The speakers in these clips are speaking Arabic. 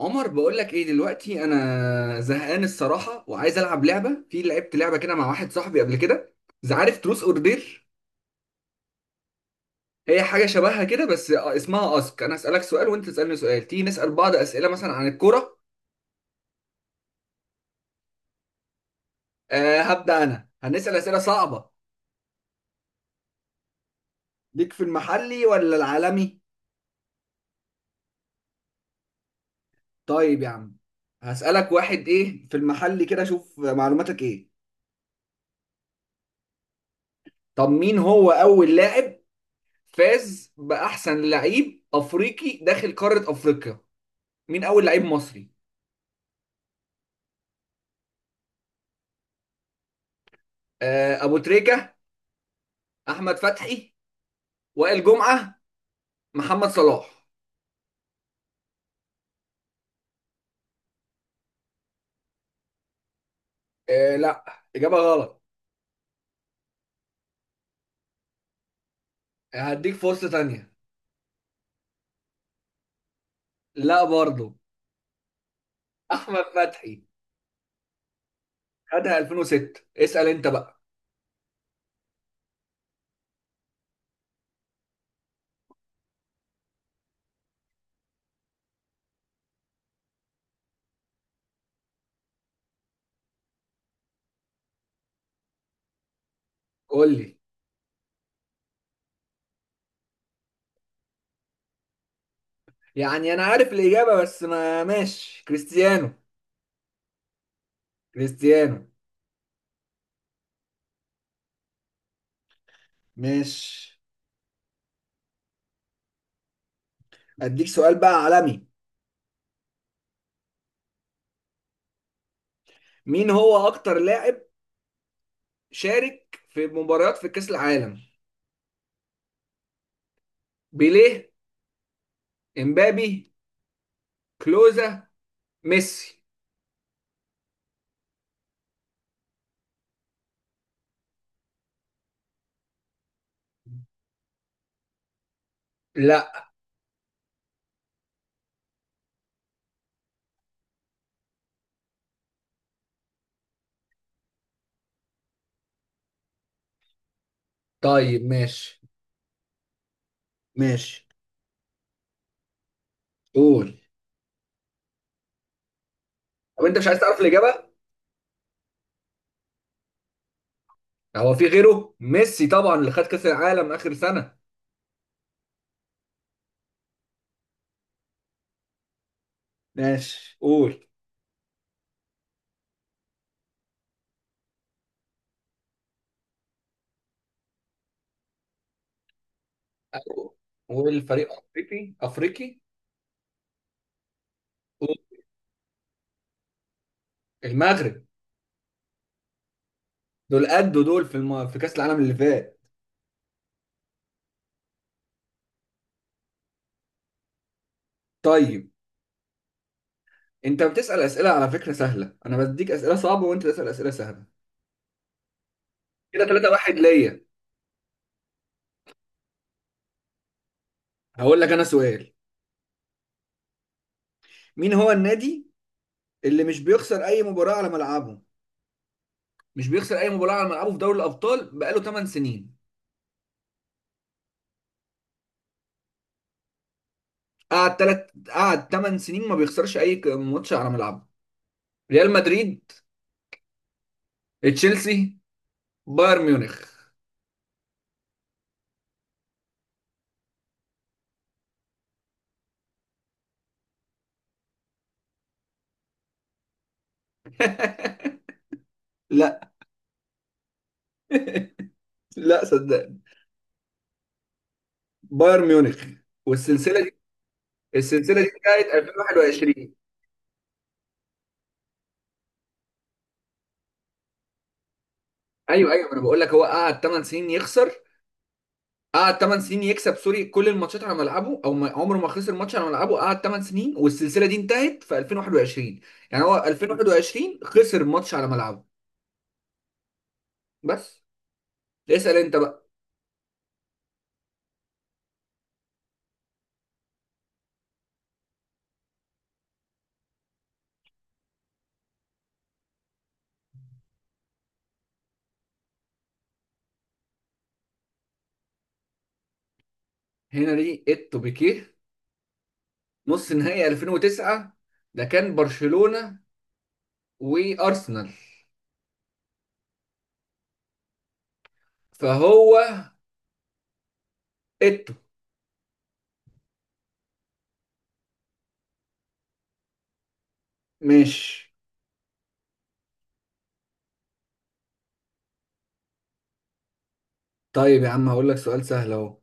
عمر، بقول لك ايه دلوقتي؟ انا زهقان الصراحه، وعايز العب لعبه. في لعبت لعبه كده مع واحد صاحبي قبل كده. إذا عارف تروس اوردر، هي حاجه شبهها كده، بس اسمها اسك. انا اسالك سؤال وانت تسالني سؤال. تيجي نسال بعض اسئله مثلا عن الكوره؟ هبدا انا، هنسال اسئله صعبه. ليك في المحلي ولا العالمي؟ طيب يا عم. هسالك واحد، ايه في المحلي كده اشوف معلوماتك ايه. طب مين هو اول لاعب فاز باحسن لعيب افريقي داخل قاره افريقيا؟ مين اول لعيب مصري؟ ابو تريكة، احمد فتحي، وائل جمعة، محمد صلاح. لا، اجابة غلط. هديك فرصة تانية. لا برضو، احمد فتحي. خدها 2006. اسأل انت بقى. قول لي. يعني انا عارف الاجابة، بس ما ماشي كريستيانو. كريستيانو. ماشي. اديك سؤال بقى عالمي. مين هو اكتر لاعب شارك في مباريات في كأس العالم؟ بيليه، امبابي، كلوزا، ميسي. لا. طيب ماشي. ماشي، قول. طب انت مش عايز تعرف الاجابه؟ هو في غيره ميسي طبعا، اللي خد كاس العالم اخر سنه. ماشي قول. والفريق افريقي افريقي؟ قول. المغرب. دول قدوا دول في كاس العالم اللي فات. طيب، انت بتسال اسئله على فكره سهله، انا بديك اسئله صعبه وانت تسال اسئله سهله. كده 3-1 ليا. هقول لك انا سؤال. مين هو النادي اللي مش بيخسر اي مباراه على ملعبه؟ مش بيخسر اي مباراه على ملعبه في دوري الابطال بقاله 8 سنين. قعد 8 سنين ما بيخسرش اي ماتش على ملعبه. ريال مدريد، تشيلسي، بايرن ميونخ. لا. لا، صدقني. بايرن ميونخ. والسلسله دي، السلسله دي بتاعت 2021. ايوه ايوه، انا بقول لك هو قعد 8 سنين يخسر. قعد 8 سنين يكسب، سوري، كل الماتشات على ملعبه، او ما عمره ما خسر ماتش على ملعبه. قعد 8 سنين، والسلسله دي انتهت في 2021. يعني هو 2021 خسر ماتش على ملعبه بس. اسال انت بقى. هنري التوبيكيه. نص نهائي 2009، ده كان برشلونة وارسنال، فهو اتو. ماشي. طيب يا عم هقول لك سؤال سهل اهو.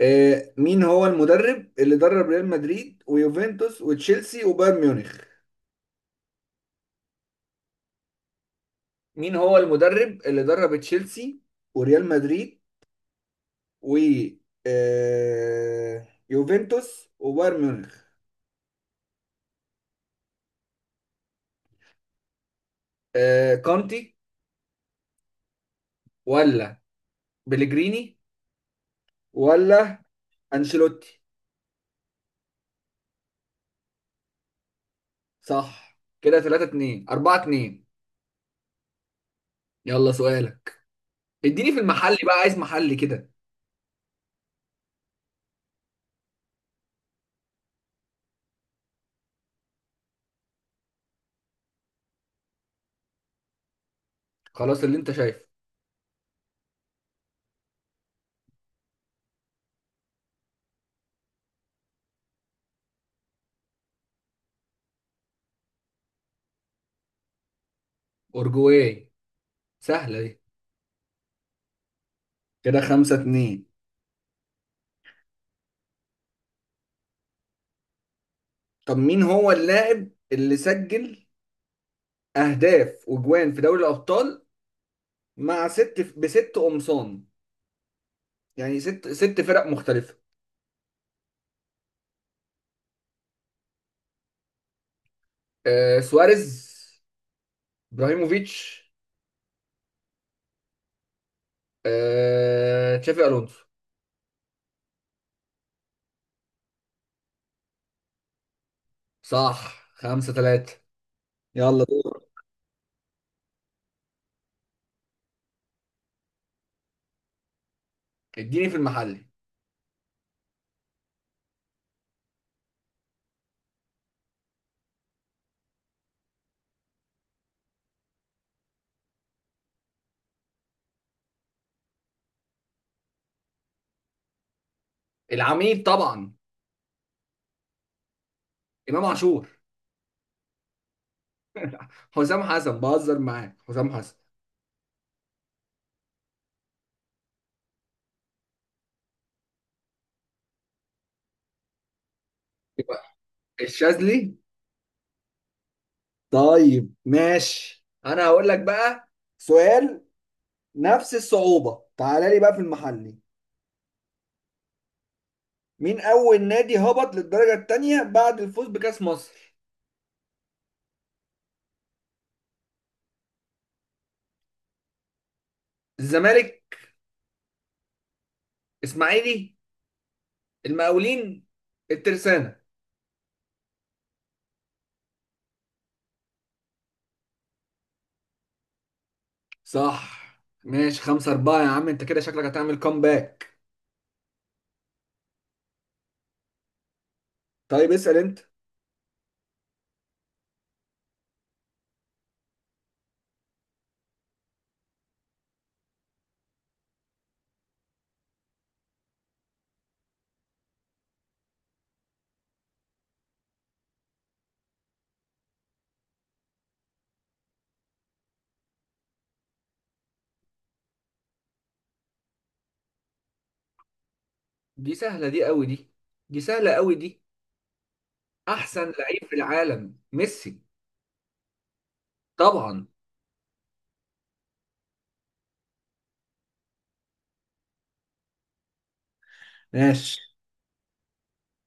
مين هو المدرب اللي درب ريال مدريد ويوفنتوس وتشيلسي وبايرن ميونخ؟ مين هو المدرب اللي درب تشيلسي وريال مدريد و يوفنتوس وبايرن ميونخ؟ كونتي، ولا بليجريني، ولا انشيلوتي. صح. كده 3-2 4-2. يلا سؤالك. اديني في المحل بقى، عايز محل كده. خلاص اللي انت شايفه. اورجواي، سهلة دي. كده 5-2. طب مين هو اللاعب اللي سجل اهداف وجوان في دوري الابطال مع بست قمصان، يعني ست ست فرق مختلفة؟ سواريز، ابراهيموفيتش، تشافي الونسو. صح، 5-3. يلا دور. اديني في المحل. العميد طبعا. امام عاشور. حسام حسن بهزر معاك. حسام حسن؟ الشاذلي. طيب ماشي، انا هقول لك بقى سؤال نفس الصعوبة، تعالى لي بقى في المحلي. مين أول نادي هبط للدرجة التانية بعد الفوز بكأس مصر؟ الزمالك، اسماعيلي، المقاولين، الترسانة. صح. ماشي، 5-4 يا عم، أنت كده شكلك هتعمل كومباك. طيب اسأل أنت. دي سهلة دي قوي دي دي سهلة قوي دي. احسن لعيب في العالم ميسي طبعا. ماشي.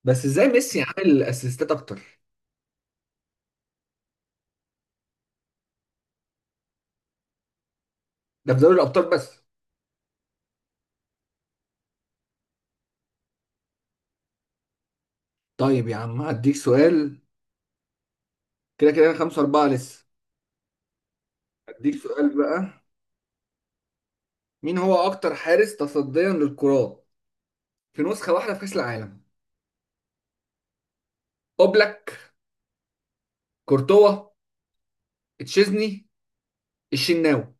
بس ازاي ميسي عامل اسيستات اكتر؟ ده في دوري الابطال بس. طيب يا عم هديك سؤال. كده كده أنا 5-4 لسه. هديك سؤال بقى. مين هو أكتر حارس تصديا للكرات في نسخة واحدة في كأس العالم؟ أوبلاك، كورتوا، تشيزني، الشناوي.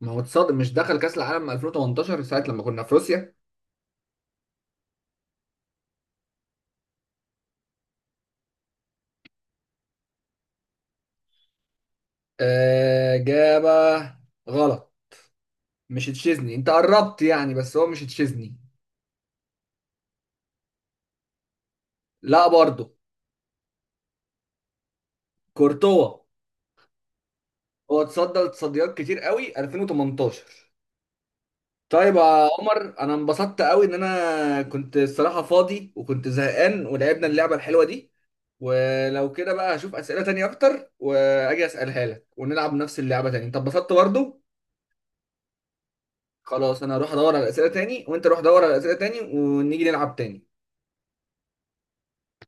ما هو تصدق مش دخل كأس العالم 2018 ساعة لما كنا في روسيا. إجابة غلط. مش تشيزني، أنت قربت يعني بس هو مش تشيزني. لا برضه. كورتوا. هو تصدى لتصديات كتير قوي 2018. طيب يا عمر، انا انبسطت قوي ان انا كنت الصراحه فاضي وكنت زهقان، ولعبنا اللعبه الحلوه دي. ولو كده بقى هشوف اسئله تانية اكتر واجي اسالها لك، ونلعب نفس اللعبه تاني. انت انبسطت برضو؟ خلاص، انا هروح ادور على اسئله تاني، وانت روح دور على اسئله تاني، ونيجي نلعب تاني.